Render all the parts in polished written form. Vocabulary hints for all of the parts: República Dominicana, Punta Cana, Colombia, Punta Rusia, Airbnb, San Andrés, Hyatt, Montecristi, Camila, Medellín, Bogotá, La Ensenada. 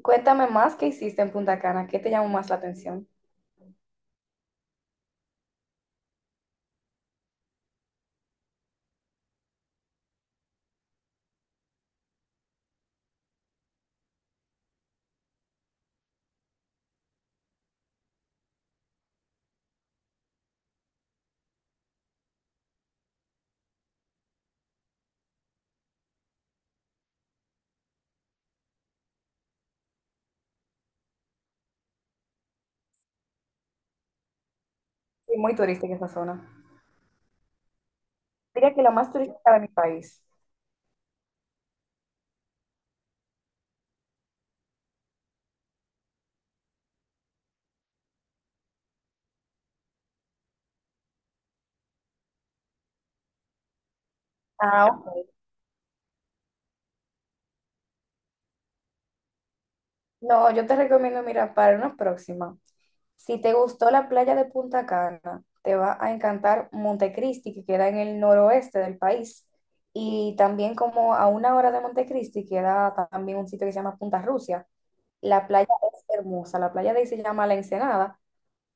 Cuéntame más qué hiciste en Punta Cana, qué te llamó más la atención. Sí, muy turística esa zona. Diría que la más turística de mi país. Ah, ok. No, yo te recomiendo, mira, para una próxima. Si te gustó la playa de Punta Cana, te va a encantar Montecristi, que queda en el noroeste del país. Y también como a una hora de Montecristi queda también un sitio que se llama Punta Rusia. La playa es hermosa, la playa de ahí se llama La Ensenada.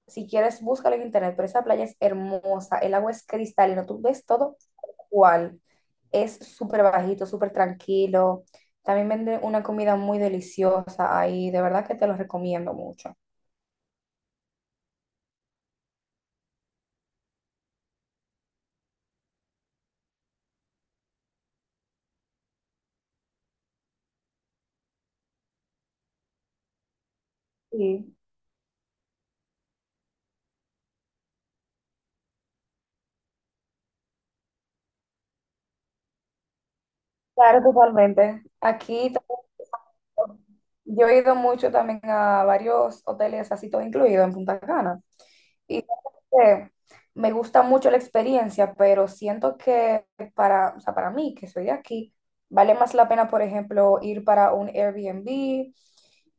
Si quieres, búscalo en internet, pero esa playa es hermosa, el agua es cristalina, tú ves todo cual. Es súper bajito, súper tranquilo. También venden una comida muy deliciosa ahí, de verdad que te lo recomiendo mucho. Sí, claro, totalmente. Aquí también, yo he ido mucho también a varios hoteles, así todo incluido en Punta Cana. Y eh, me gusta mucho la experiencia, pero siento que para, o sea, para mí, que soy de aquí, vale más la pena, por ejemplo, ir para un Airbnb,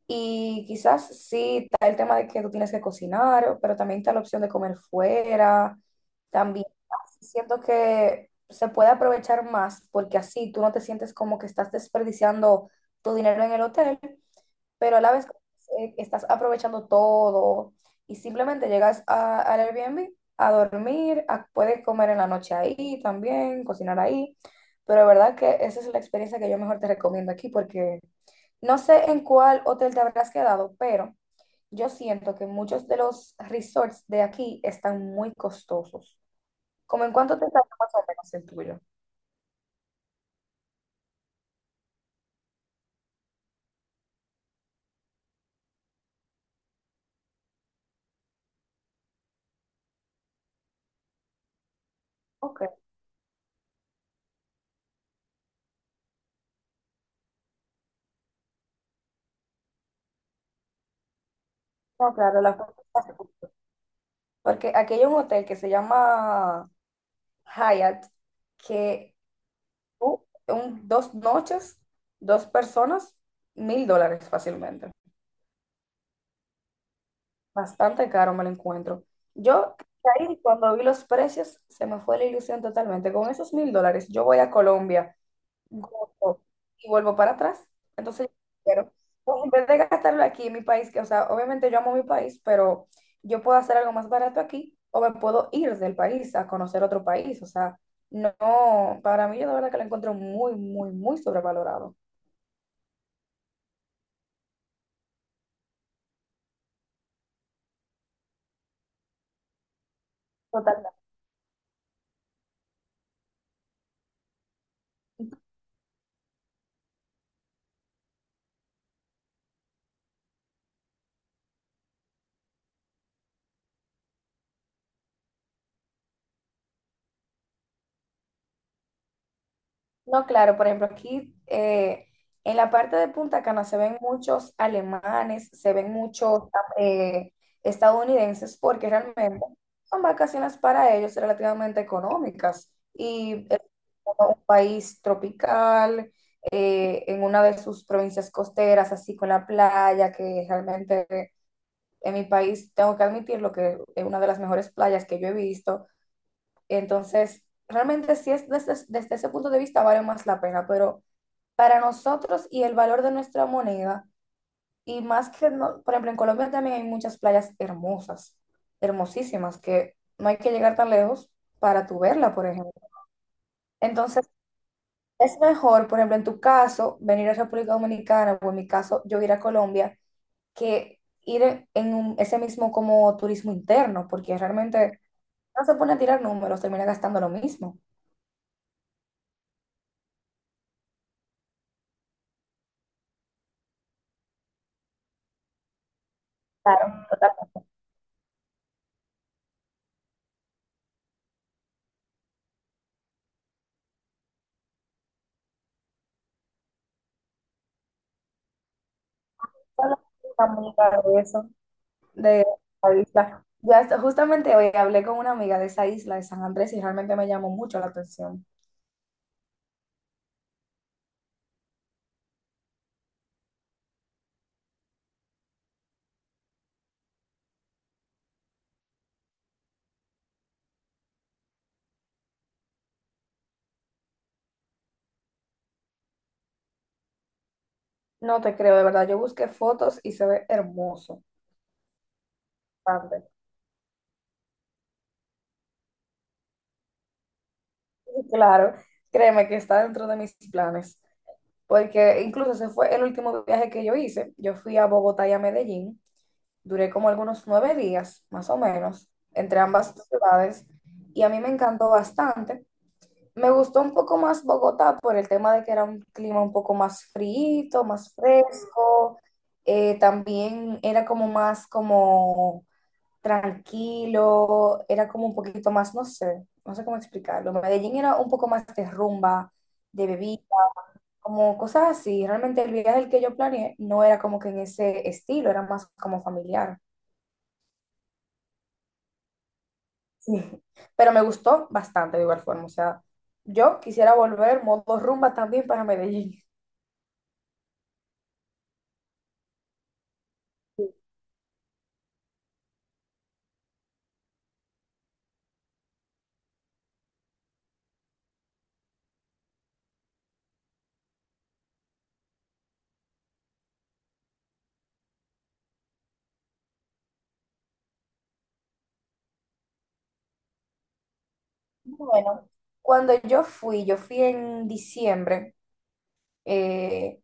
y quizás sí está el tema de que tú tienes que cocinar, pero también está la opción de comer fuera. También siento que se puede aprovechar más porque así tú no te sientes como que estás desperdiciando tu dinero en el hotel, pero a la vez estás aprovechando todo y simplemente llegas al Airbnb a dormir, puedes comer en la noche ahí también, cocinar ahí. Pero de verdad que esa es la experiencia que yo mejor te recomiendo aquí, porque no sé en cuál hotel te habrás quedado, pero yo siento que muchos de los resorts de aquí están muy costosos. ¿Cómo en cuánto te sale más o menos el tuyo? Ok, no, claro, la porque aquí hay un hotel que se llama Hyatt, que tú, 2 noches, dos personas, 1000 dólares fácilmente. Bastante caro me lo encuentro. Yo ahí cuando vi los precios se me fue la ilusión totalmente. Con esos 1000 dólares yo voy a Colombia gordo y vuelvo para atrás. Entonces, pero pues, en vez de gastarlo aquí en mi país, que, o sea, obviamente yo amo mi país, pero yo puedo hacer algo más barato aquí o me puedo ir del país a conocer otro país. O sea, no, para mí, yo de verdad que lo encuentro muy, muy, muy sobrevalorado. Total. No, claro, por ejemplo, aquí en la parte de Punta Cana se ven muchos alemanes, se ven muchos eh, estadounidenses, porque realmente son vacaciones para ellos relativamente económicas. Y es como un país tropical, en una de sus provincias costeras, así con la playa, que realmente, en mi país, tengo que admitirlo, que es una de las mejores playas que yo he visto. Entonces, realmente sí es, desde ese punto de vista, vale más la pena, pero para nosotros y el valor de nuestra moneda, y más que, por ejemplo, en Colombia también hay muchas playas hermosas, hermosísimas, que no hay que llegar tan lejos para tu verla, por ejemplo. Entonces, es mejor, por ejemplo, en tu caso, venir a República Dominicana, o en mi caso, yo ir a Colombia, que ir ese mismo como turismo interno, porque realmente, no se pone a tirar números, termina gastando lo mismo. Hola, amiga de la isla. Ya justamente hoy hablé con una amiga de esa isla de San Andrés y realmente me llamó mucho la atención. No te creo, de verdad. Yo busqué fotos y se ve hermoso. Bastante. Y claro, créeme que está dentro de mis planes, porque incluso ese fue el último viaje que yo hice. Yo fui a Bogotá y a Medellín. Duré como algunos 9 días, más o menos, entre ambas ciudades, y a mí me encantó bastante. Me gustó un poco más Bogotá por el tema de que era un clima un poco más frío, más fresco. También era como más como tranquilo, era como un poquito más, no sé, no sé cómo explicarlo. Medellín era un poco más de rumba, de bebida, como cosas así. Realmente el viaje el que yo planeé no era como que en ese estilo, era más como familiar. Sí. Pero me gustó bastante de igual forma. O sea, yo quisiera volver modo rumba también para Medellín. Bueno, cuando yo fui en diciembre, eh,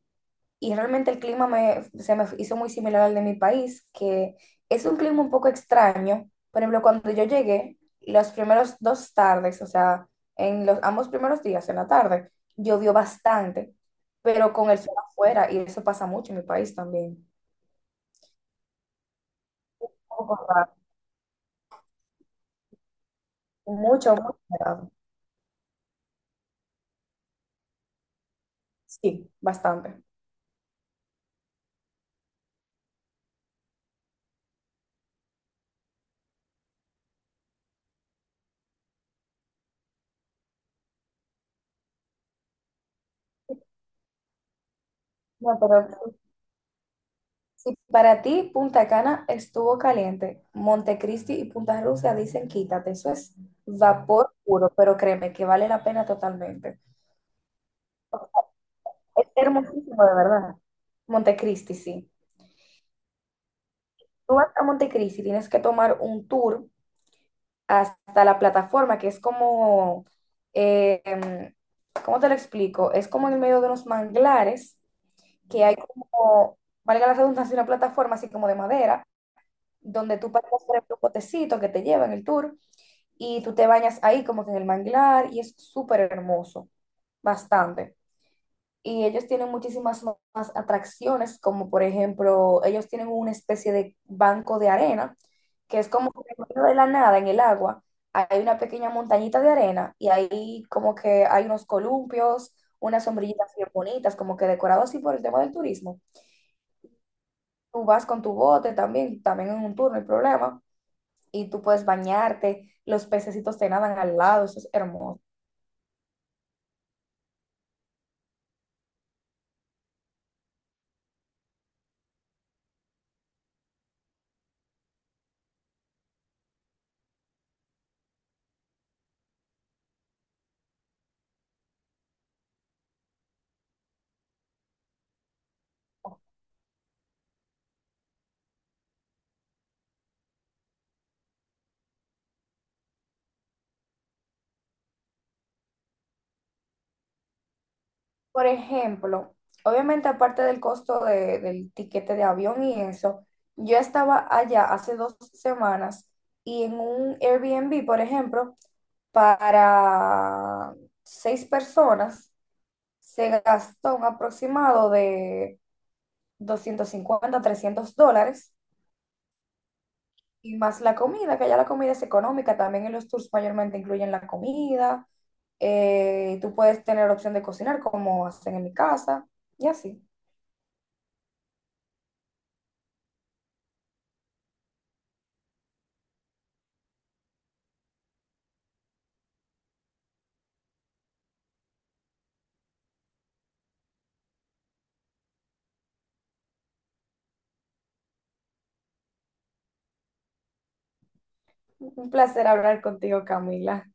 y realmente el clima se me hizo muy similar al de mi país, que es un clima un poco extraño. Por ejemplo, cuando yo llegué, los primeros dos tardes, o sea, en los ambos primeros días, en la tarde, llovió bastante, pero con el sol afuera, y eso pasa mucho en mi país también. Un poco raro. Mucho, mucho raro. Sí, bastante. No, pero si para ti Punta Cana estuvo caliente, Montecristi y Punta Rusia dicen quítate, eso es vapor puro, pero créeme que vale la pena totalmente. Es hermosísimo, de verdad. Montecristi, sí. Tú vas a Montecristi, tienes que tomar un tour hasta la plataforma, que es como, eh, em, ¿cómo te lo explico? Es como en el medio de unos manglares, que hay como, valga la redundancia, una plataforma así como de madera, donde tú pasas por el potecito que te lleva en el tour, y tú te bañas ahí como que en el manglar y es súper hermoso, bastante. Y ellos tienen muchísimas más atracciones, como por ejemplo, ellos tienen una especie de banco de arena, que es como que en medio de la nada, en el agua, hay una pequeña montañita de arena, y ahí como que hay unos columpios, unas sombrillitas bien bonitas, como que decorados así por el tema del turismo. Tú vas con tu bote también, también en un tour, no hay problema, y tú puedes bañarte, los pececitos te nadan al lado, eso es hermoso. Por ejemplo, obviamente, aparte del costo del tiquete de avión y eso, yo estaba allá hace 2 semanas, y en un Airbnb, por ejemplo, para seis personas se gastó un aproximado de 250 a 300 dólares, y más la comida, que ya la comida es económica, también en los tours mayormente incluyen la comida. Tú puedes tener opción de cocinar como hacen en mi casa y así. Un placer hablar contigo, Camila.